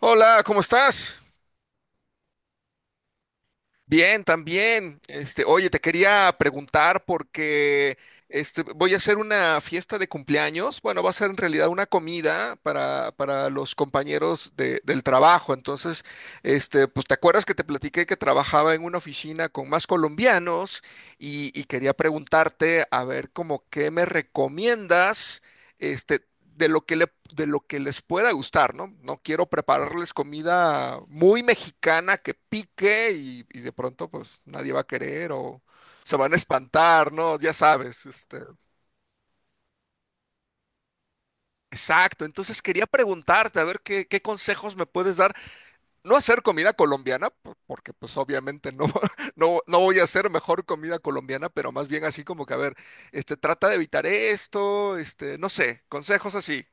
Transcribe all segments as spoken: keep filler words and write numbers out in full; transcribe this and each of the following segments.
Hola, ¿cómo estás? Bien, también. Este, oye, te quería preguntar porque este, voy a hacer una fiesta de cumpleaños. Bueno, va a ser en realidad una comida para, para los compañeros de- del trabajo. Entonces, este, pues te acuerdas que te platiqué que trabajaba en una oficina con más colombianos y, y quería preguntarte a ver como qué me recomiendas este, de lo que le, de lo que les pueda gustar, ¿no? No quiero prepararles comida muy mexicana que pique y, y de pronto pues nadie va a querer o se van a espantar, ¿no? Ya sabes, este. Exacto, entonces quería preguntarte a ver qué, qué consejos me puedes dar. No hacer comida colombiana, por- porque pues obviamente no, no, no voy a hacer mejor comida colombiana, pero más bien así como que a ver, este, trata de evitar esto, este, no sé, consejos así.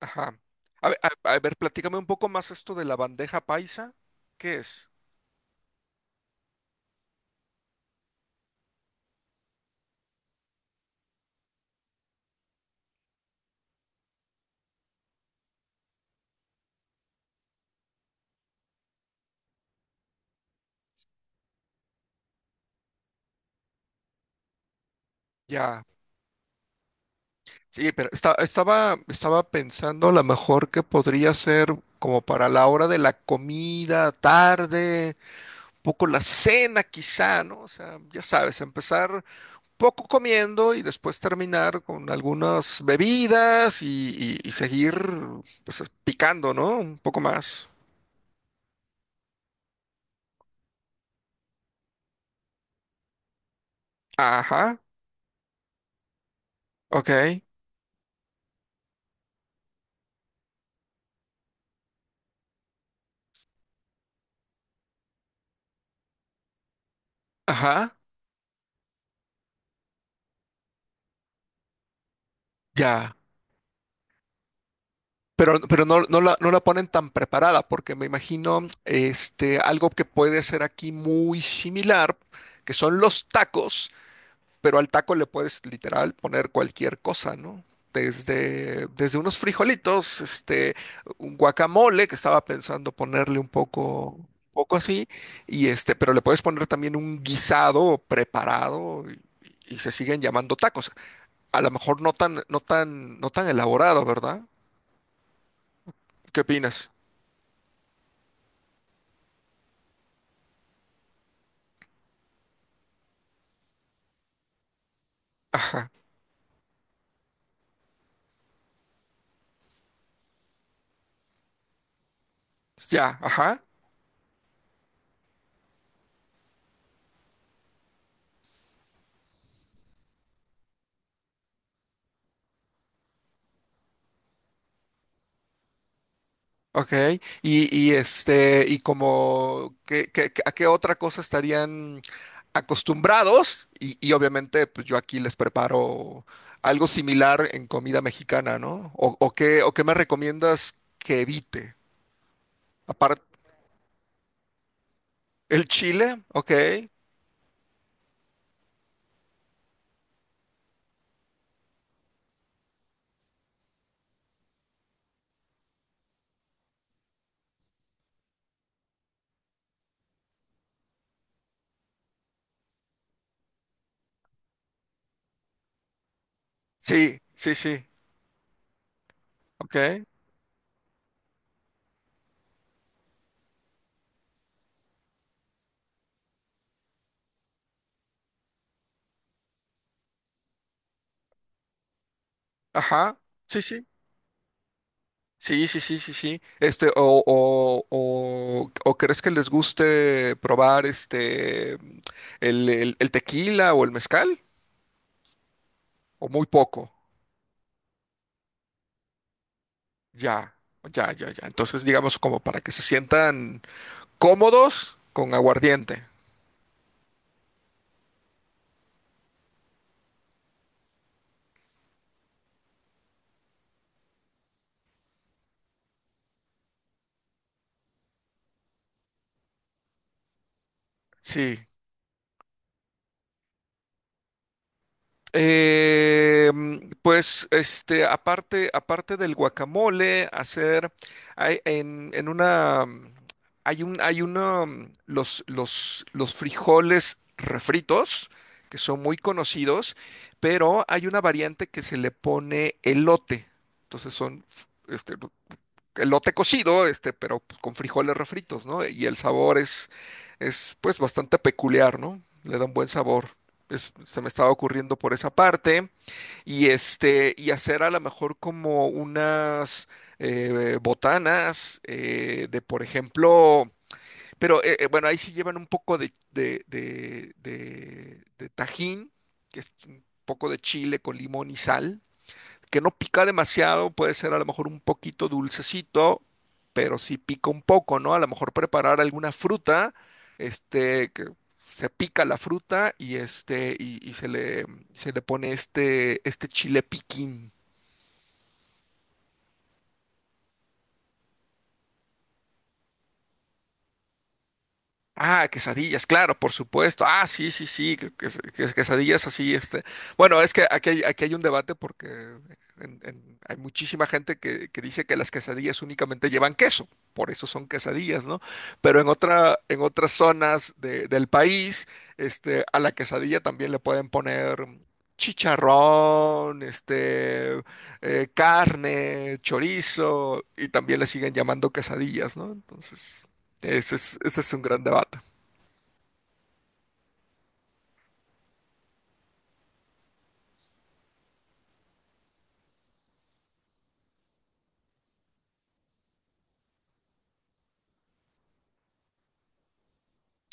Ajá. A ver, a- a ver, platícame un poco más esto de la bandeja paisa. ¿Qué es? Ya. Sí, pero esta- estaba, estaba pensando a lo mejor que podría ser como para la hora de la comida, tarde, poco la cena quizá, ¿no? O sea, ya sabes, empezar poco comiendo y después terminar con algunas bebidas y, y- y seguir pues picando, ¿no? Un poco más. Ajá, ok, ajá, ya. Pero, pero no, no la, no la ponen tan preparada, porque me imagino este, algo que puede ser aquí muy similar, que son los tacos, pero al taco le puedes literal poner cualquier cosa, ¿no? Desde, desde unos frijolitos, este, un guacamole, que estaba pensando ponerle un poco, un poco así, y este, pero le puedes poner también un guisado preparado y, y se siguen llamando tacos. A lo mejor no tan, no tan, no tan elaborado, ¿verdad? ¿Qué opinas? Ya, ajá, ok. Y, y este, y como, ¿qué, qué- qué- ¿a qué otra cosa estarían acostumbrados? Y, y obviamente, pues yo aquí les preparo algo similar en comida mexicana, ¿no? O, o qué, o qué me recomiendas que evite. Aparte, el chile, ok. Sí, sí, sí, ok. Ajá, sí, sí. Sí, sí, sí, sí, sí. Este, o, o, o, o crees que les guste probar este el, el- el tequila o el mezcal? O muy poco. Ya, ya, ya, ya. Entonces, digamos, como para que se sientan cómodos con aguardiente. Sí. Eh, mm, pues, este, aparte, aparte del guacamole, hacer, hay, en, en una, mm, hay un, hay uno mm, los, los, los frijoles refritos, que son muy conocidos, pero hay una variante que se le pone elote. Entonces son, f- este, elote cocido, este, pero pues, con frijoles refritos, ¿no? Y el sabor es, es pues bastante peculiar, ¿no? Le da un buen sabor. Es- se me estaba ocurriendo por esa parte. Y este, y hacer a lo mejor como unas eh, botanas eh, de, por ejemplo, pero eh, eh, bueno, ahí sí llevan un poco de, de, de, de, de tajín, que es un poco de chile con limón y sal que no pica demasiado, puede ser a lo mejor un poquito dulcecito, pero sí pica un poco, ¿no? A lo mejor preparar alguna fruta, este, que se pica la fruta y este, y, y se le, se le pone este, este chile piquín. Ah, quesadillas, claro, por supuesto. Ah, sí, sí, sí, que- que- que- quesadillas así, este. Bueno, es que aquí hay, aquí hay un debate porque en- en- hay muchísima gente que, que dice que las quesadillas únicamente llevan queso, por eso son quesadillas, ¿no? Pero en otra, en otras zonas de- del país, este, a la quesadilla también le pueden poner chicharrón, este, eh, carne, chorizo, y también le siguen llamando quesadillas, ¿no? Entonces, ese es, ese es un gran debate.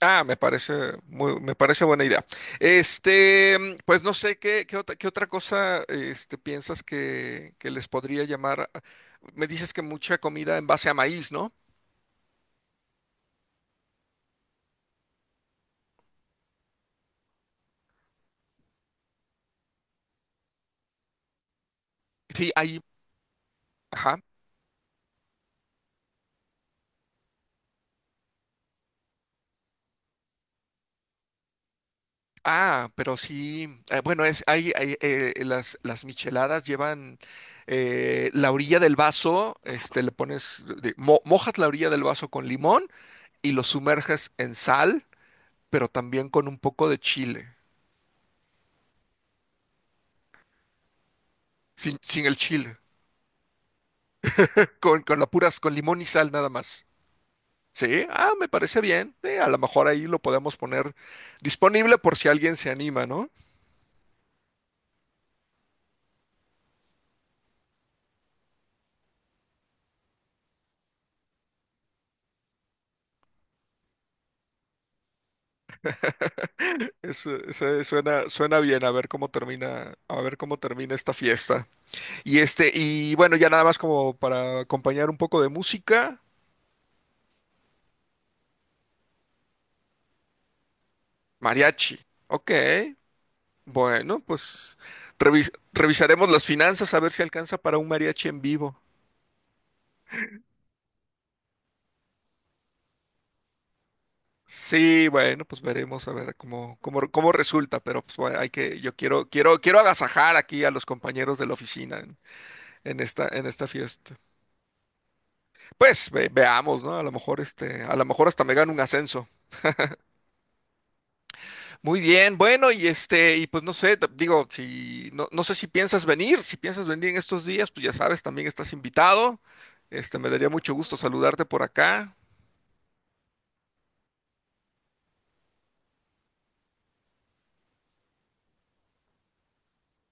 Ah, me parece muy, me parece buena idea. Este, mm, pues no sé qué, qué otra, qué otra cosa este, piensas que, que les podría llamar. Me dices que mucha comida en base a maíz, ¿no? Sí, hay, ajá. Ah, pero sí, eh, bueno, es, hay, hay, eh, las, las micheladas llevan eh, la orilla del vaso, este, le pones, de- mo- mojas la orilla del vaso con limón y lo sumerges en sal, pero también con un poco de chile, sin, sin el chile. Con, con la puras, con limón y sal nada más. Sí, ah, me parece bien. Eh, a lo mejor ahí lo podemos poner disponible por si alguien se anima, ¿no? Eso, eso suena, suena bien, a ver cómo termina, a ver cómo termina esta fiesta. Y este, y bueno, ya nada más como para acompañar un poco de música, mariachi. Ok, bueno, pues revis- revisaremos las finanzas a ver si alcanza para un mariachi en vivo. Sí, bueno, pues veremos a ver cómo, cómo, cómo resulta, pero pues bueno, hay que, yo quiero, quiero, quiero agasajar aquí a los compañeros de la oficina en, en esta, en esta fiesta. Pues ve- veamos, ¿no? A lo mejor este, a lo mejor hasta me gano un ascenso. Muy bien, bueno, y este, y pues no sé, te- digo, si no, no sé si piensas venir, si piensas venir en estos días, pues ya sabes, también estás invitado. Este, me daría mucho gusto saludarte por acá.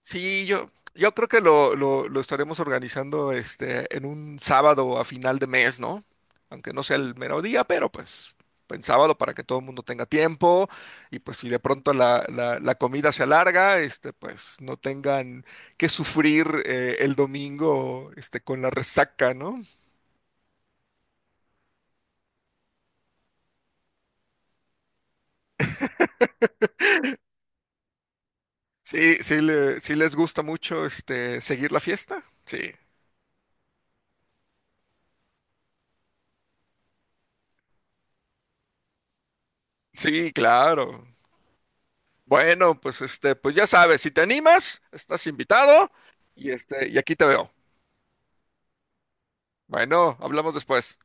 Sí, yo, yo creo que lo, lo, lo estaremos organizando este, en un sábado a final de mes, ¿no? Aunque no sea el mero día, pero pues en sábado para que todo el mundo tenga tiempo y pues si de pronto la, la- la comida se alarga, este, pues no tengan que sufrir eh, el domingo este, con la resaca, ¿no? Sí, sí, le- sí les gusta mucho este, seguir la fiesta. Sí, sí, claro. Bueno, pues este, pues ya sabes, si te animas, estás invitado y este, y aquí te veo. Bueno, hablamos después.